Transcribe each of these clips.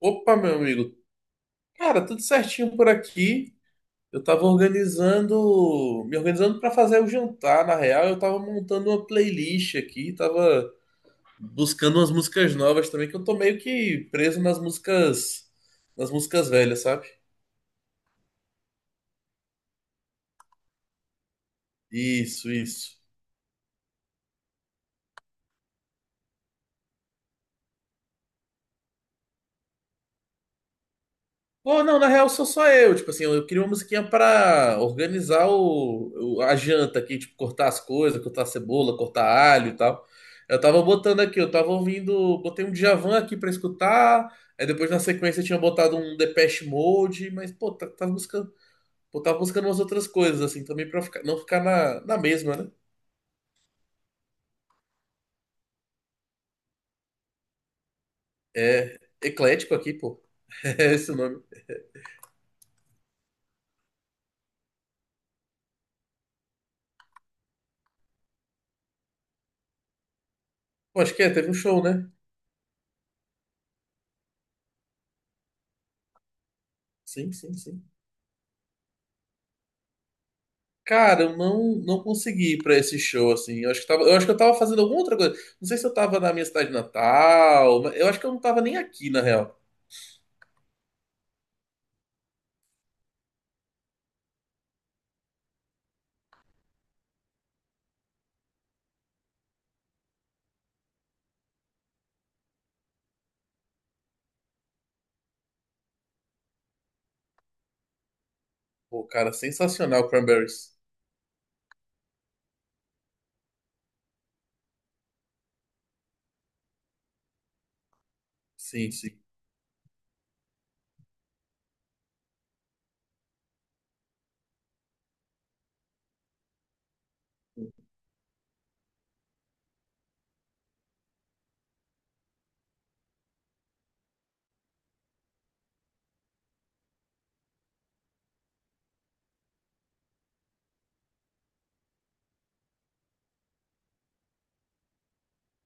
Opa, meu amigo. Cara, tudo certinho por aqui. Eu tava organizando, me organizando para fazer o jantar. Na real, eu tava montando uma playlist aqui, tava buscando umas músicas novas também, que eu tô meio que preso nas músicas velhas, sabe? Isso, isso. Pô, não, na real sou só eu. Tipo assim, eu queria uma musiquinha pra organizar a janta aqui, tipo, cortar as coisas, cortar cebola, cortar alho e tal. Eu tava botando aqui, eu tava ouvindo, botei um Djavan aqui pra escutar, aí depois na sequência eu tinha botado um Depeche Mode, mas, pô, tava buscando, pô, tava buscando umas outras coisas, assim, também pra ficar, não ficar na mesma, né? É, eclético aqui, pô, é esse o nome. Pô, acho que é, teve um show, né? Sim, sim, sim. Cara, eu não, não consegui ir pra esse show, assim. Eu acho que tava, eu acho que eu tava fazendo alguma outra coisa. Não sei se eu tava na minha cidade natal, mas eu acho que eu não tava nem aqui, na real. Pô, cara, sensacional, Cranberries. Sim, sim.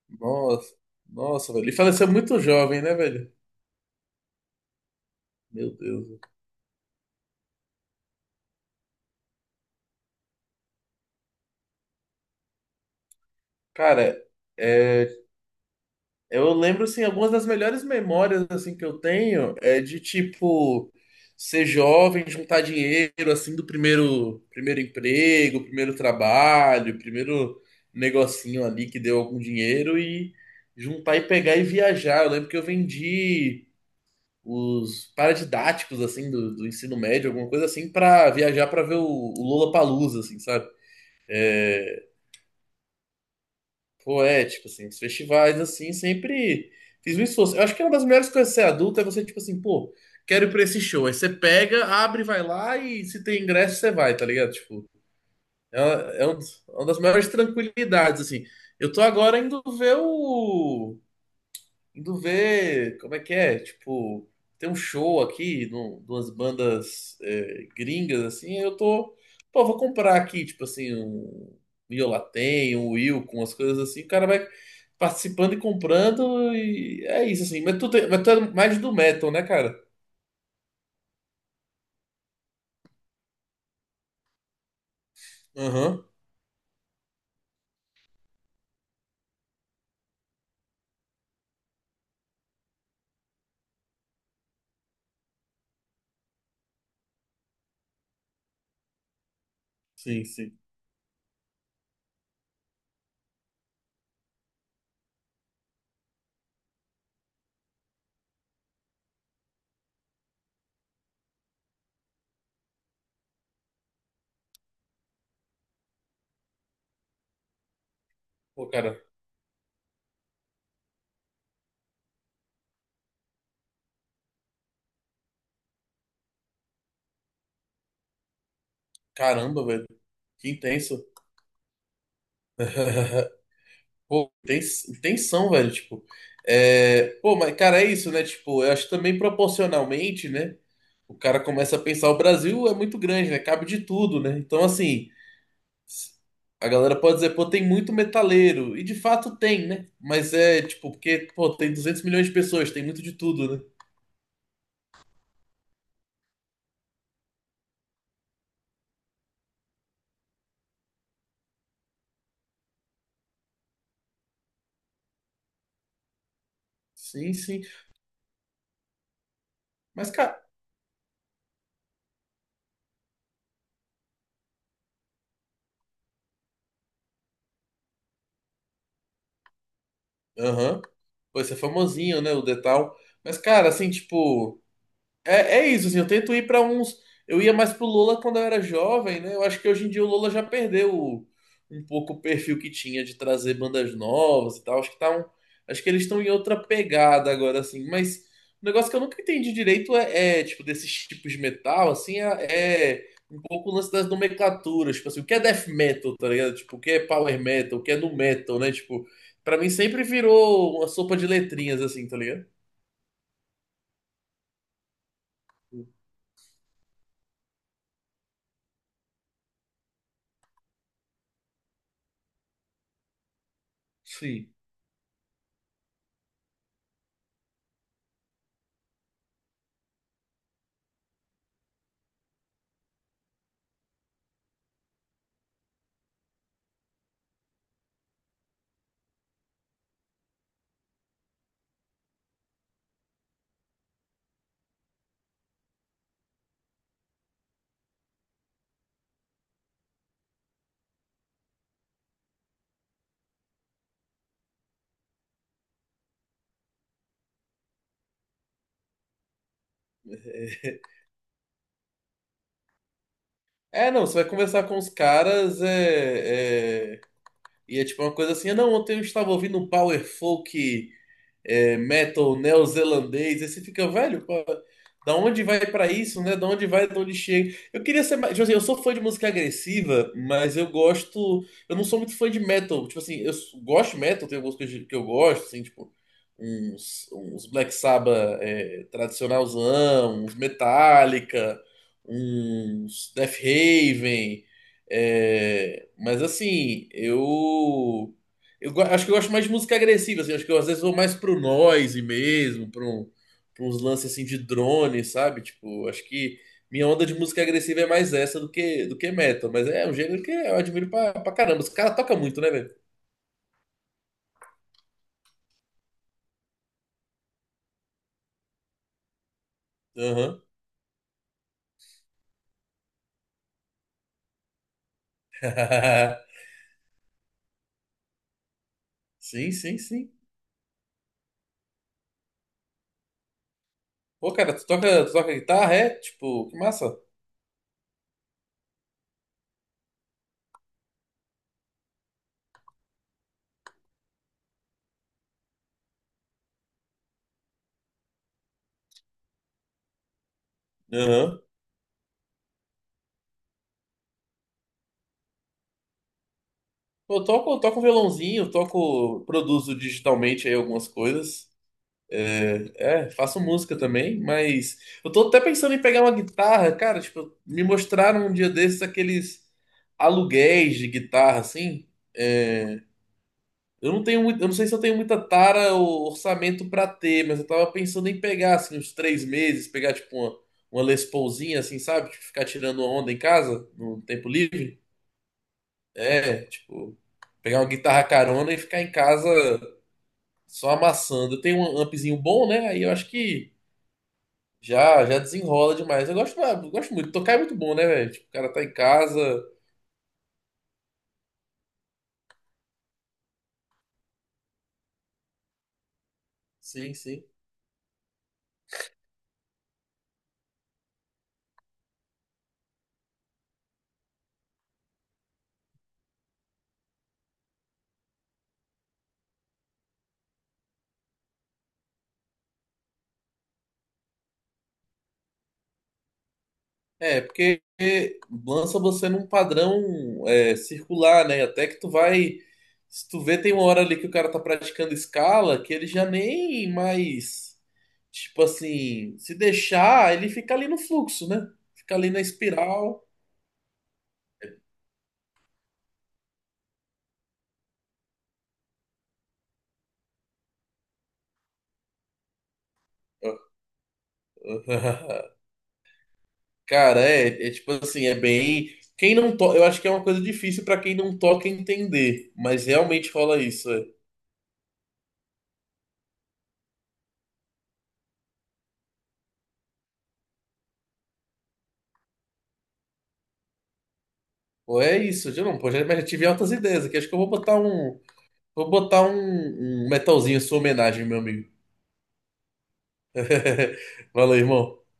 Nossa, nossa, velho. Ele faleceu muito jovem, né, velho? Meu Deus. Cara, é. Eu lembro, assim, algumas das melhores memórias, assim, que eu tenho é de, tipo, ser jovem, juntar dinheiro, assim, do primeiro emprego, primeiro trabalho, primeiro negocinho ali que deu algum dinheiro e juntar e pegar e viajar. Eu lembro que eu vendi os paradidáticos, assim, do ensino médio, alguma coisa assim, pra viajar pra ver o Lollapalooza, assim, sabe? Pô, é, tipo assim, os festivais, assim, sempre fiz um esforço. Eu acho que é uma das melhores coisas de ser adulto é você, tipo assim, pô, quero ir pra esse show. Aí você pega, abre, vai lá e se tem ingresso, você vai, tá ligado? Tipo, é uma, é um- é uma das maiores tranquilidades, assim. Eu tô agora indo ver o, Indo ver como é que é, tipo, tem um show aqui de umas bandas gringas, assim, pô, vou comprar aqui, tipo assim, um Miolatém, um Will, com as coisas assim, o cara vai participando e comprando e é isso, assim, mas mas tu é mais do metal, né, cara? Aham, sim, sim. Pô, cara, caramba, velho, que intenso. Pô, tensão, velho, tipo. É... Pô, mas, cara, é isso, né? Tipo, eu acho que também proporcionalmente, né? O cara começa a pensar, o Brasil é muito grande, né? Cabe de tudo, né? Então, assim, s- a galera pode dizer, pô, tem muito metaleiro. E de fato tem, né? Mas é, tipo, porque, pô, tem 200 milhões de pessoas, tem muito de tudo, né? Sim, sim. Mas, cara, aham. Pô, esse é famosinho, né? O Detal. Mas, cara, assim, tipo. É, é isso, assim, eu tento ir pra uns. Eu ia mais pro Lola quando eu era jovem, né? Eu acho que hoje em dia o Lola já perdeu o- um pouco o perfil que tinha de trazer bandas novas e tal. Acho que tá um, acho que eles estão em outra pegada agora, assim. Mas o negócio que eu nunca entendi direito tipo, desses tipos de metal, assim, é um pouco o lance das nomenclaturas. Tipo assim, o que é death metal, tá ligado? Tipo, o que é power metal, o que é nu metal, né? Tipo, pra mim sempre virou uma sopa de letrinhas, assim, tá ligado? Sim. É, não, você vai conversar com os caras, e é tipo uma coisa assim: "Ah, não, ontem eu estava ouvindo um power folk metal neozelandês." Aí você fica, velho, pô, da onde vai pra isso, né? Da onde vai, da onde chega. Eu queria ser mais. Tipo assim, eu sou fã de música agressiva, mas eu gosto. Eu não sou muito fã de metal. Tipo assim, gosto de metal, tem algumas coisas que eu gosto, assim, tipo. Uns Black Sabbath tradicionalzão, uns Metallica, uns Death Raven, é, mas assim, acho que eu gosto mais de música agressiva, assim. Acho que eu às vezes vou mais pro noise mesmo, pra uns lances assim de drone, sabe? Tipo, acho que minha onda de música agressiva é mais essa do que metal. Mas é um gênero que eu admiro pra caramba. Os caras tocam muito, né, velho? Aham. Sim, sim, sim. Pô, cara, tu toca guitarra, é? Tipo, que massa. Aham. Pô, eu toco, eu toco violãozinho, eu toco, produzo digitalmente aí algumas coisas. É, é, faço música também, mas eu tô até pensando em pegar uma guitarra, cara, tipo, me mostraram um dia desses aqueles aluguéis de guitarra, assim. É, eu não tenho muito, eu não sei se eu tenho muita tara ou orçamento pra ter, mas eu tava pensando em pegar, assim, uns 3 meses, pegar, tipo, uma Les Paulzinha, assim, sabe? Tipo, ficar tirando onda em casa, no tempo livre. É, tipo, pegar uma guitarra carona e ficar em casa só amassando. Eu tenho um ampzinho bom, né? Aí eu acho que já desenrola demais. Eu gosto, ah, eu gosto muito. Tocar é muito bom, né, velho? Tipo, o cara tá em casa. Sim, sim. É, porque lança você num padrão circular, né? Até que tu vai. Se tu vê, tem uma hora ali que o cara tá praticando escala, que ele já nem mais. Tipo assim, se deixar, ele fica ali no fluxo, né? Fica ali na espiral. Cara, é, é tipo assim, é bem. Quem não toca, eu acho que é uma coisa difícil pra quem não toca entender, mas realmente rola isso. É. Pô, é isso, já não, pô, já, mas já tive altas ideias aqui. Acho que eu vou botar um, vou botar um metalzinho em sua homenagem, meu amigo. Valeu, irmão.